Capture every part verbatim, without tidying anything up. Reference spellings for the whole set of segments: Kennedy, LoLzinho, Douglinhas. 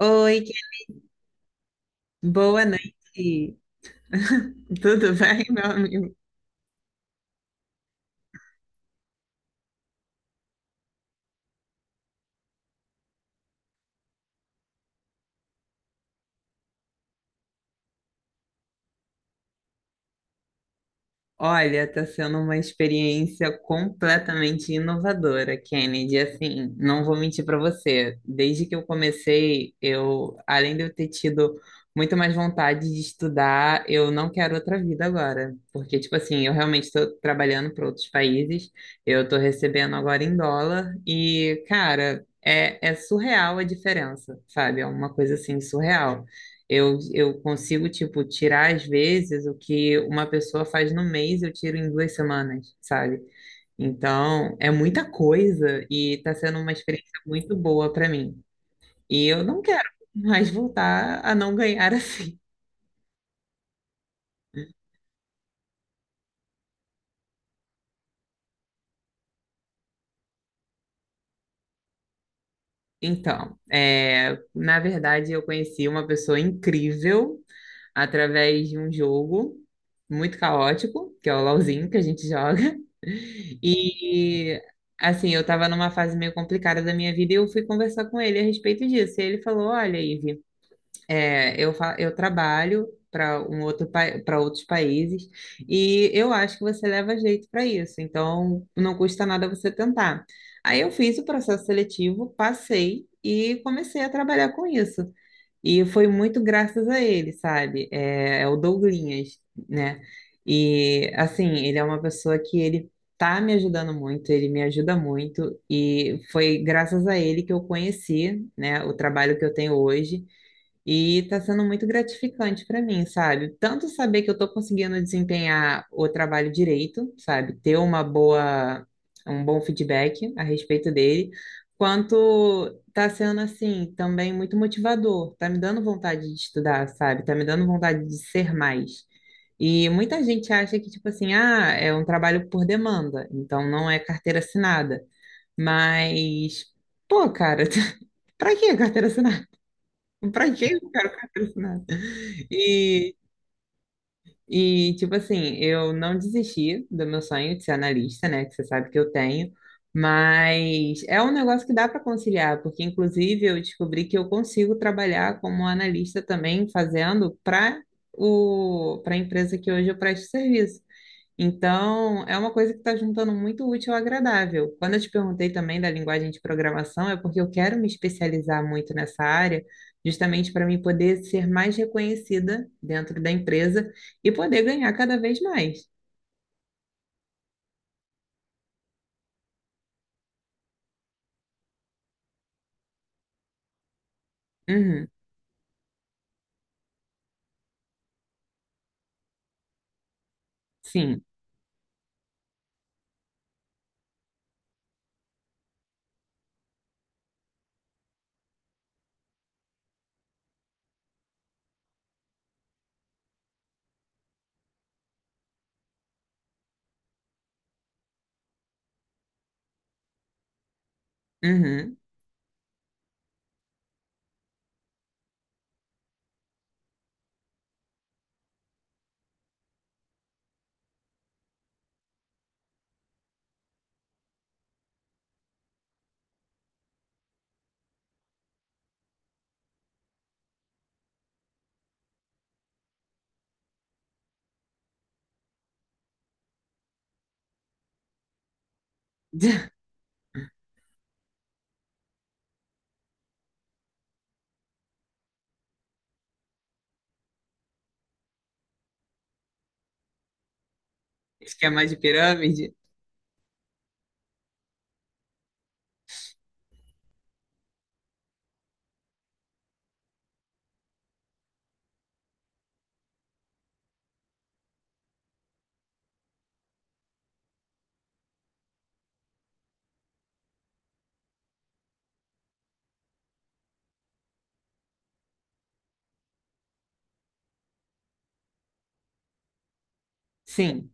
Oi, que- boa noite. Tudo bem, meu amigo? Olha, está sendo uma experiência completamente inovadora, Kennedy. Assim, não vou mentir para você. Desde que eu comecei, eu, além de eu ter tido muito mais vontade de estudar, eu não quero outra vida agora, porque tipo assim, eu realmente estou trabalhando para outros países. Eu estou recebendo agora em dólar e, cara, é, é surreal a diferença, sabe? É uma coisa assim surreal. Eu, eu consigo, tipo, tirar às vezes o que uma pessoa faz no mês, eu tiro em duas semanas, sabe? Então, é muita coisa e tá sendo uma experiência muito boa para mim. E eu não quero mais voltar a não ganhar assim. Então, é, na verdade, eu conheci uma pessoa incrível através de um jogo muito caótico, que é o LoLzinho que a gente joga. E assim, eu tava numa fase meio complicada da minha vida e eu fui conversar com ele a respeito disso. E ele falou: Olha, Ive, é, eu, fa- eu trabalho para um outro para outros países e eu acho que você leva jeito para isso, então não custa nada você tentar. Aí eu fiz o processo seletivo, passei e comecei a trabalhar com isso. E foi muito graças a ele, sabe? É, é o Douglinhas, né? E assim, ele é uma pessoa que ele tá me ajudando muito, ele me ajuda muito, e foi graças a ele que eu conheci, né, o trabalho que eu tenho hoje. E tá sendo muito gratificante para mim, sabe? Tanto saber que eu tô conseguindo desempenhar o trabalho direito, sabe? Ter uma boa, um bom feedback a respeito dele, quanto tá sendo assim também muito motivador, tá me dando vontade de estudar, sabe? Tá me dando vontade de ser mais. E muita gente acha que, tipo assim, ah, é um trabalho por demanda, então não é carteira assinada. Mas, pô, cara, pra que carteira assinada? Pra quê eu quero patrocinado? E, e, tipo assim, eu não desisti do meu sonho de ser analista, né? Que você sabe que eu tenho. Mas é um negócio que dá para conciliar, porque inclusive eu descobri que eu consigo trabalhar como analista também, fazendo para o para a empresa que hoje eu presto serviço. Então, é uma coisa que está juntando muito útil ao agradável. Quando eu te perguntei também da linguagem de programação, é porque eu quero me especializar muito nessa área, justamente para mim poder ser mais reconhecida dentro da empresa e poder ganhar cada vez mais. Uhum, sim. Uhum. Esquema de pirâmide? Sim.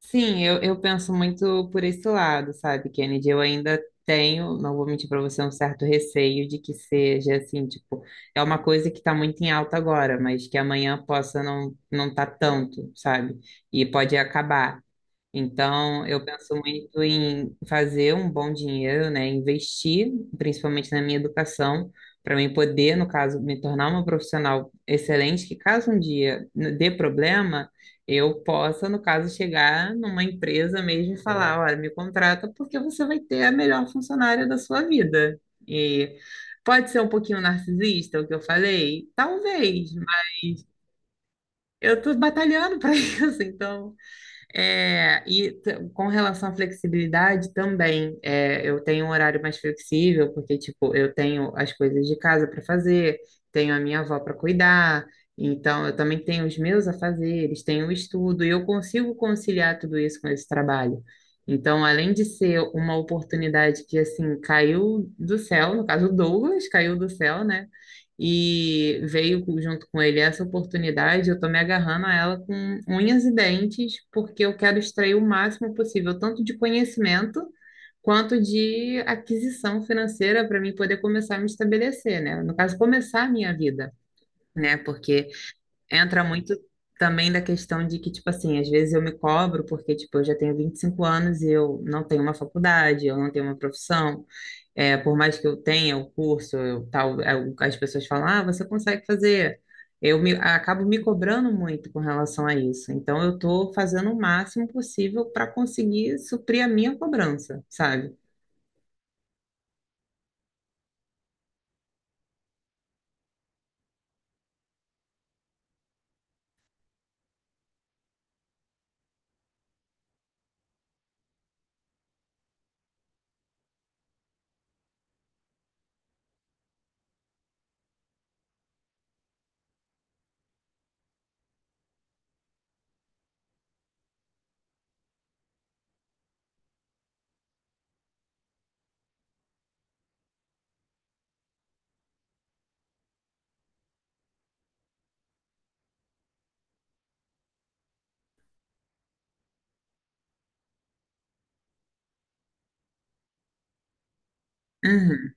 Sim, eu, eu penso muito por esse lado, sabe, Kennedy? Eu ainda tenho, não vou mentir para você, um certo receio de que seja assim, tipo, é uma coisa que está muito em alta agora, mas que amanhã possa não não tá tanto, sabe? E pode acabar. Então, eu penso muito em fazer um bom dinheiro, né? Investir, principalmente na minha educação, para mim poder, no caso, me tornar uma profissional excelente, que caso um dia n- dê problema, eu possa, no caso, chegar numa empresa mesmo e falar, olha, me contrata porque você vai ter a melhor funcionária da sua vida. E pode ser um pouquinho narcisista o que eu falei? Talvez, mas eu estou batalhando para isso, então. É, e t- com relação à flexibilidade também, é, eu tenho um horário mais flexível, porque, tipo, eu tenho as coisas de casa para fazer, tenho a minha avó para cuidar, então eu também tenho os meus afazeres, tenho o estudo, e eu consigo conciliar tudo isso com esse trabalho. Então, além de ser uma oportunidade que, assim, caiu do céu, no caso, o Douglas caiu do céu, né? E veio junto com ele essa oportunidade, eu estou me agarrando a ela com unhas e dentes, porque eu quero extrair o máximo possível, tanto de conhecimento quanto de aquisição financeira para mim poder começar a me estabelecer, né? No caso, começar a minha vida, né? Porque entra muito também da questão de que, tipo assim, às vezes eu me cobro porque, tipo, eu já tenho vinte e cinco anos e eu não tenho uma faculdade, eu não tenho uma profissão. É, por mais que eu tenha o curso, eu, tal, é, o- as pessoas falam, ah, você consegue fazer. Eu me, acabo me cobrando muito com relação a isso. Então, eu estou fazendo o máximo possível para conseguir suprir a minha cobrança, sabe? Uhum.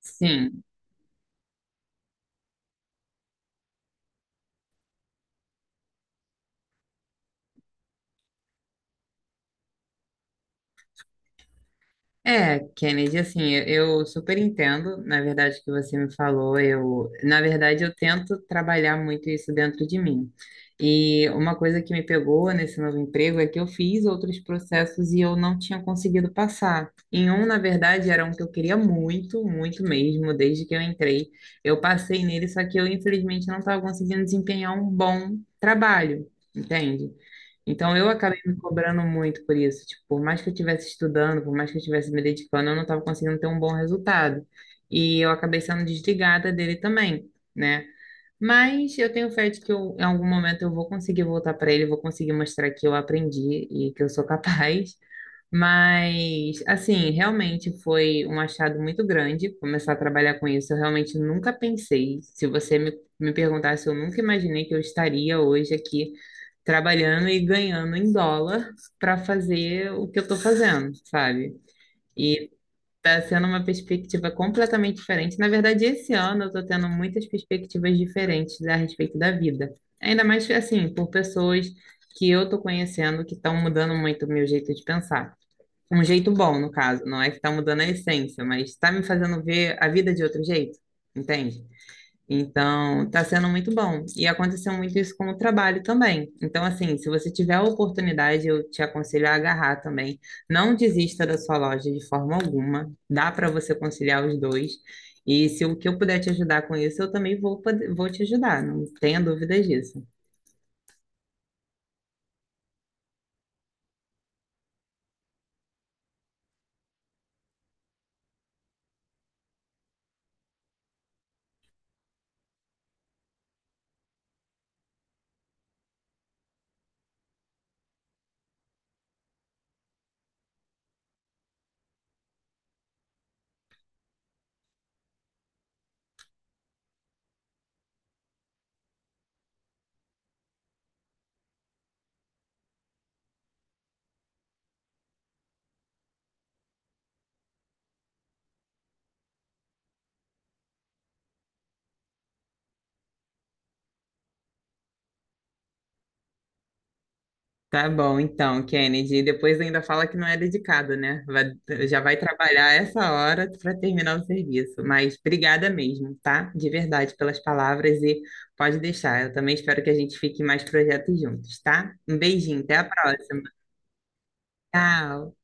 Sim. É, Kennedy, assim, eu eu super entendo, na verdade, o que você me falou. Eu, na verdade, eu tento trabalhar muito isso dentro de mim. E uma coisa que me pegou nesse novo emprego é que eu fiz outros processos e eu não tinha conseguido passar. Em um, na verdade, era um que eu queria muito, muito mesmo, desde que eu entrei. Eu passei nele, só que eu, infelizmente, não estava conseguindo desempenhar um bom trabalho, entende? Então eu acabei me cobrando muito por isso. Tipo, por mais que eu estivesse estudando, por mais que eu estivesse me dedicando, eu não estava conseguindo ter um bom resultado. E eu acabei sendo desligada dele também, né? Mas eu tenho fé de que eu, em algum momento eu vou conseguir voltar para ele, vou conseguir mostrar que eu aprendi e que eu sou capaz. Mas, assim, realmente foi um achado muito grande começar a trabalhar com isso. Eu realmente nunca pensei. Se você me, me perguntasse, eu nunca imaginei que eu estaria hoje aqui trabalhando e ganhando em dólar para fazer o que eu estou fazendo, sabe? E está sendo uma perspectiva completamente diferente. Na verdade, esse ano eu estou tendo muitas perspectivas diferentes a respeito da vida. Ainda mais, assim, por pessoas que eu estou conhecendo que estão mudando muito o meu jeito de pensar. Um jeito bom, no caso, não é que tá mudando a essência, mas tá me fazendo ver a vida de outro jeito, entende? Então, tá sendo muito bom. E aconteceu muito isso com o trabalho também. Então, assim, se você tiver a oportunidade, eu te aconselho a agarrar também. Não desista da sua loja de forma alguma. Dá para você conciliar os dois. E se o que eu puder te ajudar com isso, eu também vou, poder- vou te ajudar. Não tenha dúvidas disso. Tá bom, então, Kennedy. E depois ainda fala que não é dedicado, né? Vai- já vai trabalhar essa hora para terminar o serviço. Mas obrigada mesmo, tá? De verdade, pelas palavras e pode deixar. Eu também espero que a gente fique em mais projetos juntos, tá? Um beijinho, até a próxima. Tchau.